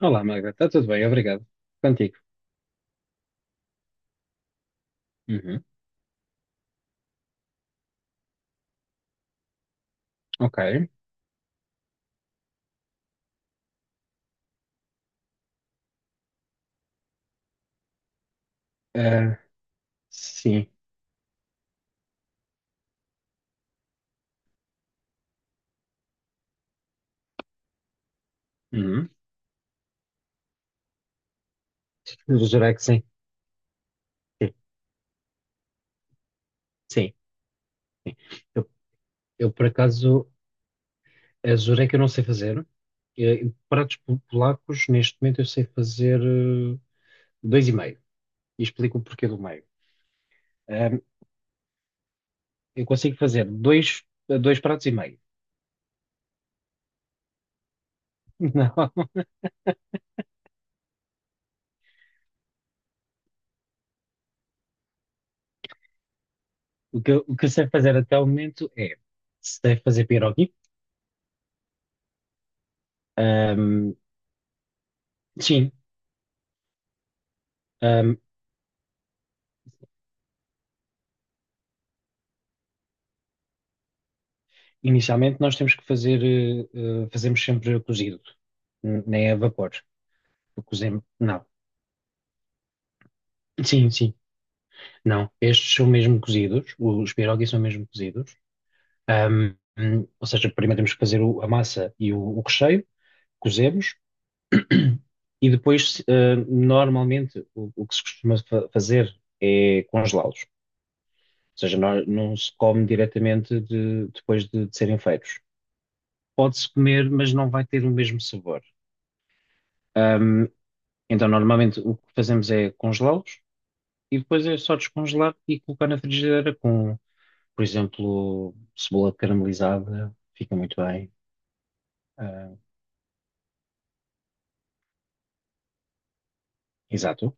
Olá, Magda. Está tudo bem? Obrigado. Contigo. Uhum. Ok. Eh, sim. Uhum. Eu jurei que sim. Sim. Sim. Eu, eu, por acaso, jurei que eu não sei fazer. Pratos polacos, neste momento, eu sei fazer dois e meio. E explico o porquê do meio. Eh, eu consigo fazer dois pratos e meio. Não. O que eu sei fazer até o momento é sei fazer pierogi. Ahm, sim. Inicialmente nós temos que fazer, fazemos sempre cozido, nem a vapor. O cozemos, não. Sim, sim. Não, estes são mesmo cozidos, os pierogi são mesmo cozidos. Ou seja, primeiro temos que fazer a massa e o recheio, cozemos, e depois, normalmente, o que se costuma fazer é congelá-los. Ou seja, não se come diretamente depois de serem feitos. Pode-se comer, mas não vai ter o mesmo sabor. Ahm, Então, normalmente o que fazemos é congelá-los e depois é só descongelar e colocar na frigideira com, por exemplo, cebola caramelizada, fica muito bem. Ah, exato,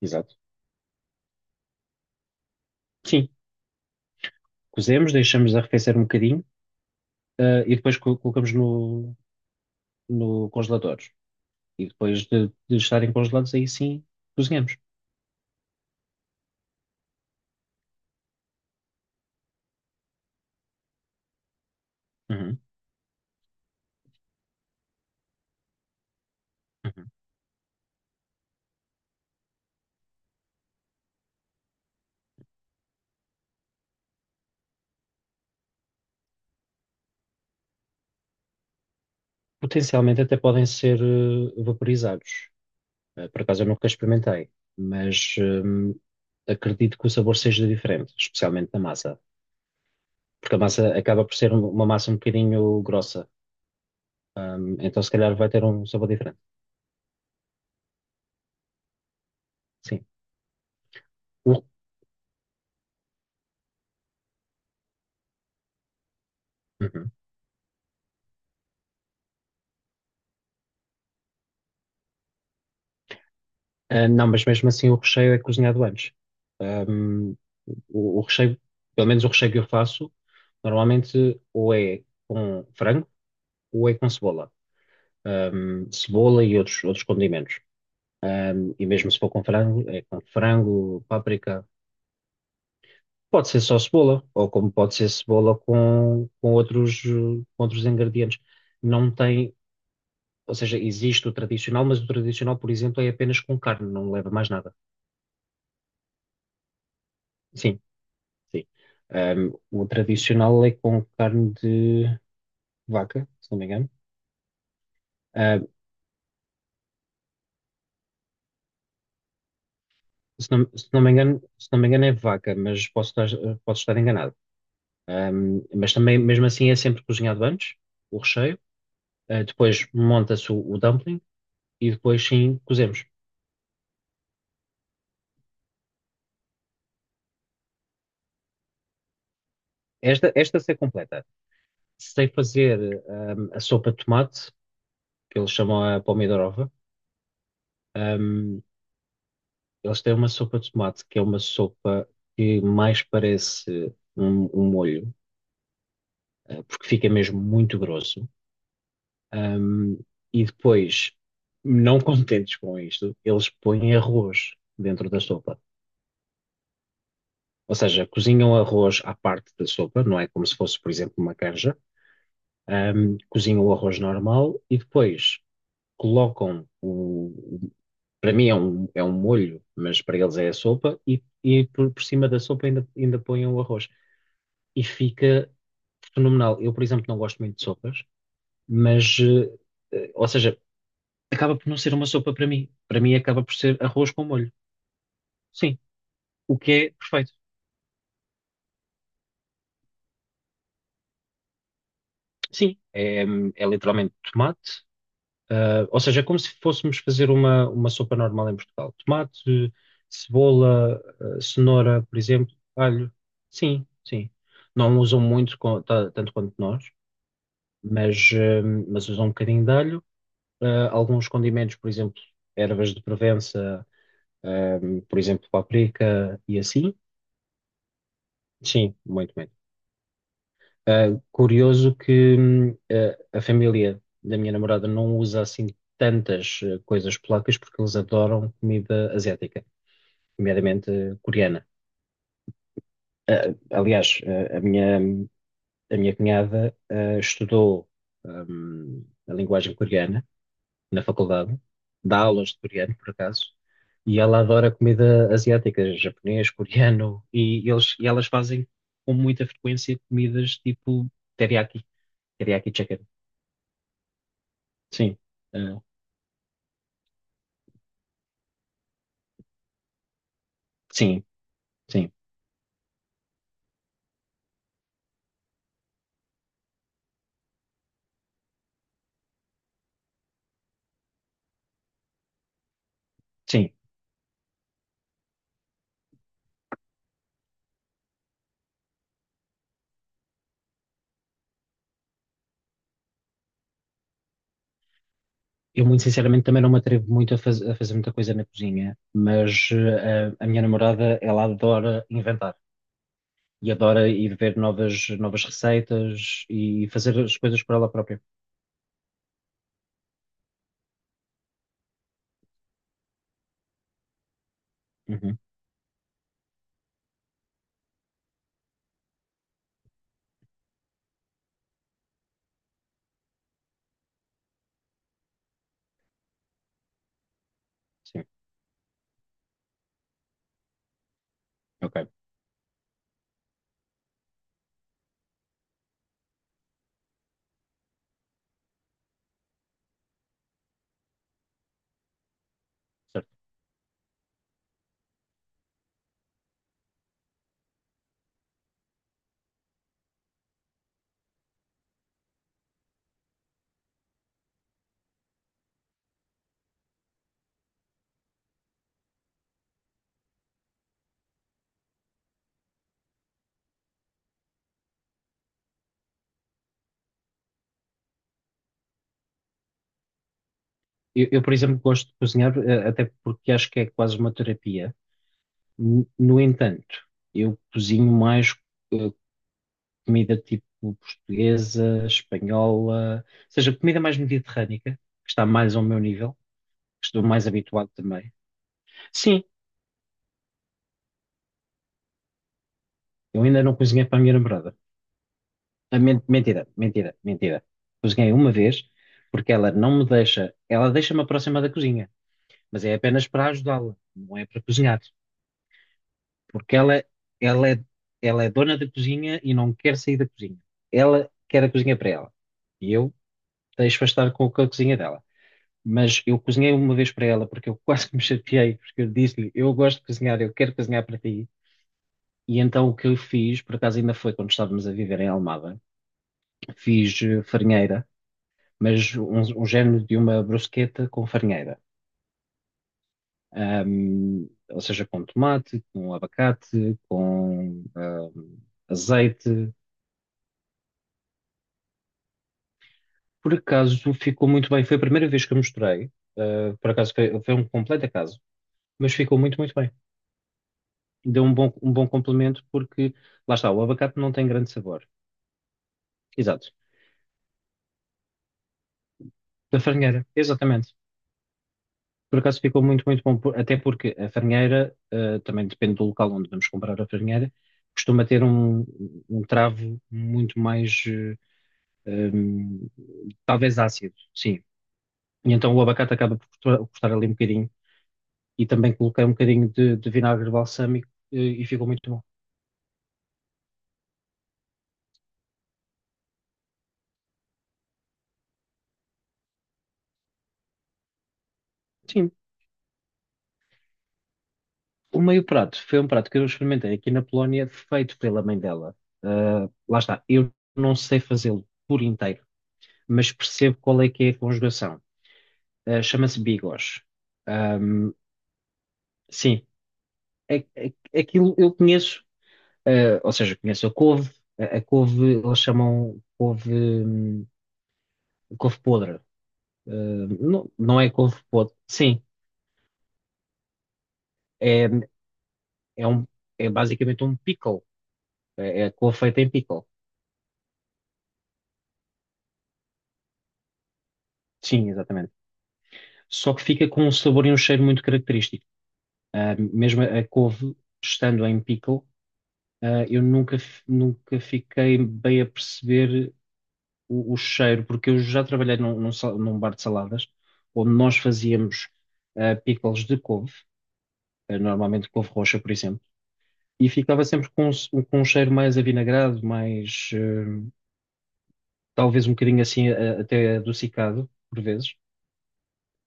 exato. Sim, cozemos, deixamos arrefecer um bocadinho, ah, e depois colocamos no congelador. E depois de estarem congelados, aí sim cozinhamos. Uhum, uhum. Potencialmente até podem ser vaporizados. Por acaso eu nunca experimentei, mas acredito que o sabor seja diferente, especialmente na massa, porque a massa acaba por ser uma massa um bocadinho grossa. Então se calhar vai ter um sabor diferente. Sim. O- Uhum. Ah, não, mas mesmo assim o recheio é cozinhado antes. Hum, o recheio, pelo menos o recheio que eu faço, normalmente ou é com frango ou é com cebola. Cebola e outros, outros condimentos. Um, e mesmo se for com frango, é com frango, páprica. Pode ser só cebola, ou como pode ser cebola com outros, com outros ingredientes. Não tem, ou seja, existe o tradicional, mas o tradicional, por exemplo, é apenas com carne, não leva mais nada. Sim, sim. O tradicional é com carne de vaca, se não me engano. Ahm, Se não, se não me engano, se não me engano é vaca, mas posso estar enganado. Mas também, mesmo assim, é sempre cozinhado antes, o recheio. Ah, depois monta-se o dumpling e depois sim cozemos. Esta sei completa. Sei fazer a sopa de tomate, que eles chamam a pomidorova. Hum, eles têm uma sopa de tomate, que é uma sopa que mais parece um molho, porque fica mesmo muito grosso. Hum, e depois, não contentes com isto, eles põem arroz dentro da sopa. Ou seja, cozinham arroz à parte da sopa, não é como se fosse, por exemplo, uma canja. Cozinham o arroz normal e depois colocam para mim é é um molho, mas para eles é a sopa, e por cima da sopa ainda, ainda põem o arroz. E fica fenomenal. Eu, por exemplo, não gosto muito de sopas, mas, ou seja, acaba por não ser uma sopa para mim. Para mim acaba por ser arroz com molho. Sim, o que é perfeito. Sim, é, é literalmente tomate. Ah, ou seja, é como se fôssemos fazer uma sopa normal em Portugal. Tomate, cebola, ah, cenoura, por exemplo, alho. Sim, sim. Não usam muito, tanto quanto nós, mas, ah, mas usam um bocadinho de alho. Ah, alguns condimentos, por exemplo, ervas de Provença, ah, por exemplo, páprica e assim. Sim, muito, muito. Ah, curioso que a família da minha namorada não usa assim tantas coisas polacas porque eles adoram comida asiática, nomeadamente coreana. Ah, aliás, a minha cunhada estudou a linguagem coreana na faculdade, dá aulas de coreano, por acaso, e ela adora comida asiática, japonês, coreano, e elas fazem com muita frequência comidas tipo teriyaki, teriyaki chicken. Sim, eh, sim, sim, sim. eu, muito sinceramente, também não me atrevo muito a fazer muita coisa na cozinha, mas a, minha namorada, ela adora inventar e adora ir ver novas, novas receitas e fazer as coisas por ela própria. Uhum, sim, ok, certo. Eu, por exemplo, gosto de cozinhar, até porque acho que é quase uma terapia. No entanto, eu cozinho mais. eh, Comida tipo portuguesa, espanhola, ou seja, comida mais mediterrânica, que está mais ao meu nível, que estou mais habituado também. Sim, eu ainda não cozinhei para a minha namorada. Ah, mentira, mentira, mentira. Cozinhei uma vez, porque ela não me deixa, ela deixa-me aproximar da cozinha, mas é apenas para ajudá-la, não é para cozinhar, porque ela, ela é, ela é dona da cozinha e não quer sair da cozinha. Ela quer a cozinha para ela. E eu deixo-a estar com a cozinha dela. Mas eu cozinhei uma vez para ela porque eu quase que me chateei, porque eu disse-lhe, eu gosto de cozinhar, eu quero cozinhar para ti. E então o que eu fiz, por acaso ainda foi quando estávamos a viver em Almada, fiz farinheira, mas um género de uma brusqueta com farinheira. Ou seja, com tomate, com abacate, com azeite. Por acaso ficou muito bem. Foi a primeira vez que eu misturei. Ah, por acaso foi, foi um completo acaso, mas ficou muito, muito bem. Deu um bom complemento porque, lá está, o abacate não tem grande sabor. Exato. Da farinheira, exatamente. Por acaso ficou muito, muito bom, até porque a farinheira, também depende do local onde vamos comprar a farinheira, costuma ter um travo muito mais, eh, hum, talvez ácido, sim. E então o abacate acaba por custar, custar ali um bocadinho. E também coloquei um bocadinho de vinagre balsâmico, e ficou muito bom. Sim. O meio prato foi um prato que eu experimentei aqui na Polónia, feito pela mãe dela. Ah, lá está, eu não sei fazê-lo por inteiro, mas percebo qual é que é a conjugação. Ah, chama-se bigos. Ahm, sim, é- é- aquilo eu conheço, ah, ou seja, conheço a couve, a couve eles chamam couve, couve podre. Ah, não, não é couve podre, sim, é, é, um, é basicamente um pickle, é, é couve feita em pickle. Sim, exatamente. Só que fica com um sabor e um cheiro muito característico. Ah, mesmo a couve, estando em pickle, ah, eu nunca, nunca fiquei bem a perceber o cheiro, porque eu já trabalhei num, num bar de saladas, onde nós fazíamos ah, pickles de couve, ah, normalmente couve roxa, por exemplo, e ficava sempre com, com um cheiro mais avinagrado, mais, talvez um bocadinho assim, até adocicado, por vezes.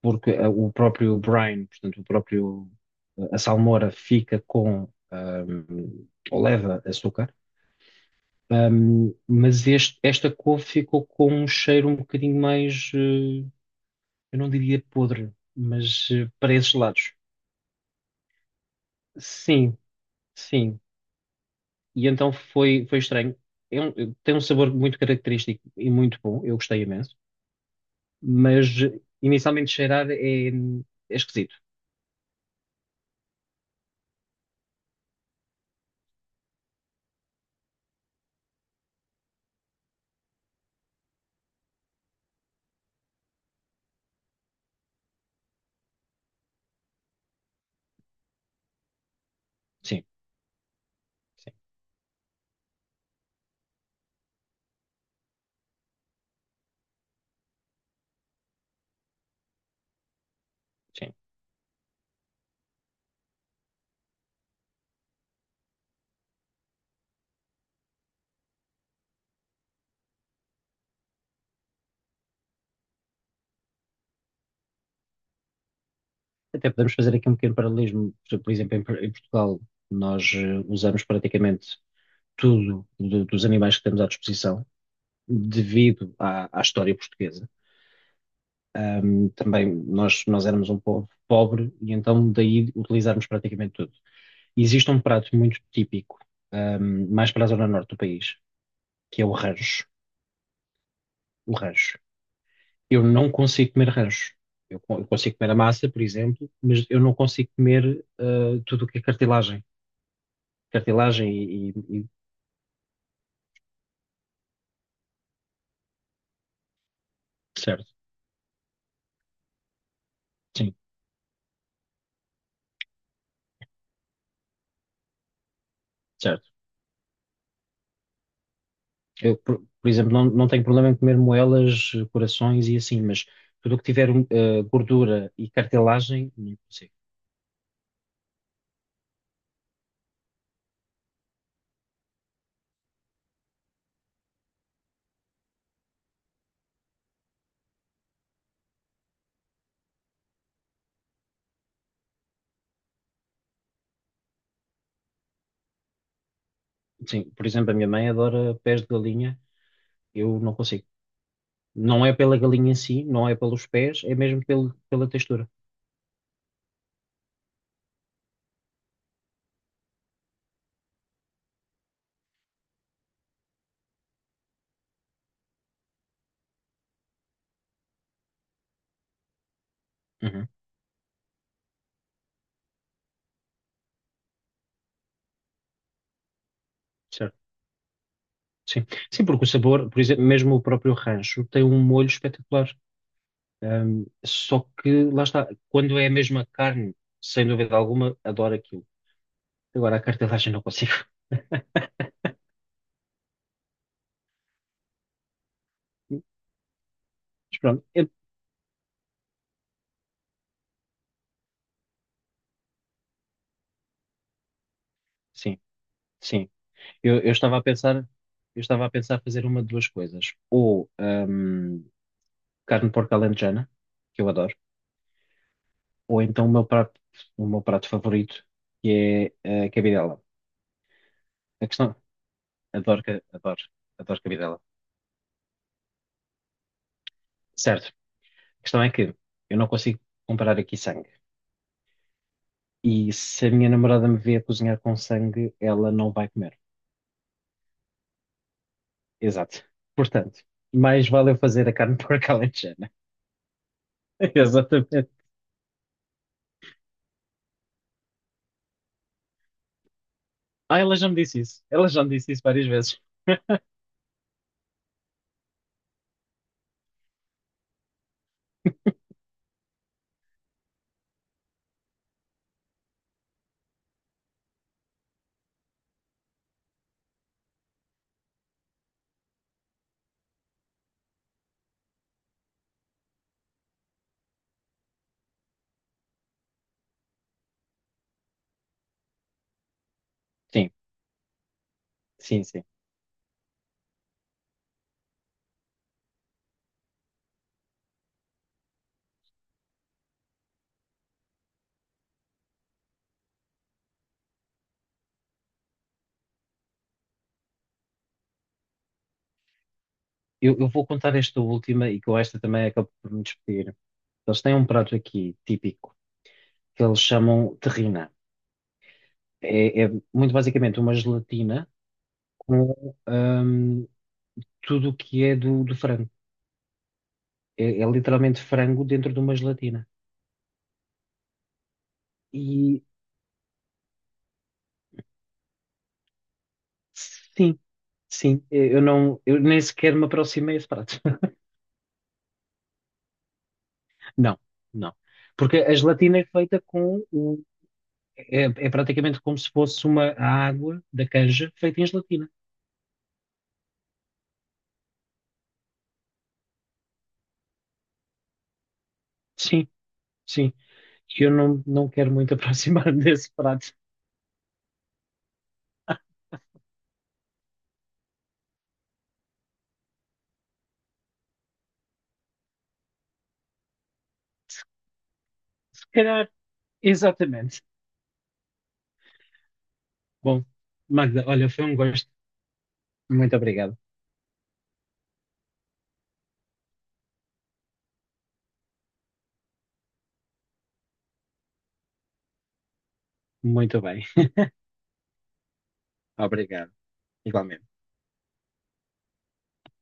Porque o próprio Brian, portanto, o próprio, a salmoura fica com, ou leva açúcar, mas esta couve ficou com um cheiro um bocadinho mais, eu não diria podre, mas para esses lados. Sim, sim. E então foi, foi estranho. Tem um sabor muito característico e muito bom, eu gostei imenso, mas inicialmente cheirar é, é esquisito. Sim, sim, sim. Até podemos fazer aqui um pequeno paralelismo. Por exemplo, em Portugal, nós usamos praticamente tudo dos animais que temos à disposição, devido à, à história portuguesa. Também nós éramos um povo pobre e então daí utilizarmos praticamente tudo. Existe um prato muito típico, mais para a zona norte do país, que é o rancho. O rancho. Eu não consigo comer rancho. Eu, eu consigo comer a massa, por exemplo, mas eu não consigo comer ah, tudo o que é cartilagem. Cartilagem certo, sim, certo. Por exemplo, não, não tenho problema em comer moelas, corações e assim, mas tudo o que tiver gordura e cartilagem, não consigo. Sim, por exemplo, a minha mãe adora pés de galinha, eu não consigo. Não é pela galinha em si, não é pelos pés, é mesmo pela textura. Uhum, certo, sim. Sim, porque o sabor, por exemplo, mesmo o próprio rancho tem um molho espetacular. Só que lá está, quando é a mesma carne, sem dúvida alguma, adoro aquilo. Agora a cartelagem não consigo. Mas pronto, sim, sim. Eu Estava a pensar, eu estava a pensar fazer uma de duas coisas. Ou carne de porco alentejana, que eu adoro, ou então o meu prato favorito, que é a cabidela. A questão, adoro, adoro cabidela. Certo. A questão é que eu não consigo comprar aqui sangue. E se a minha namorada me vê a cozinhar com sangue, ela não vai comer. Exato. Portanto, mais vale eu fazer a carne de porco alentejana. Exatamente. Ah, ela já me disse isso. Ela já me disse isso várias vezes. Sim, sim, sim. Eu vou contar esta última e com esta também acabo por me despedir. Eles têm um prato aqui típico que eles chamam terrina. É, é muito basicamente uma gelatina com tudo o que é do frango. É, é literalmente frango dentro de uma gelatina. E sim, sim, eu nem sequer me aproximei a esse prato. Não, não. Porque a gelatina é feita com o é, é praticamente como se fosse uma água da canja feita em gelatina. Sim, sim. E eu não, não quero muito aproximar desse prato. Se calhar, exatamente. Bom, Magda, olha, foi um gosto. Muito obrigado. Muito bem. Obrigado. Igualmente.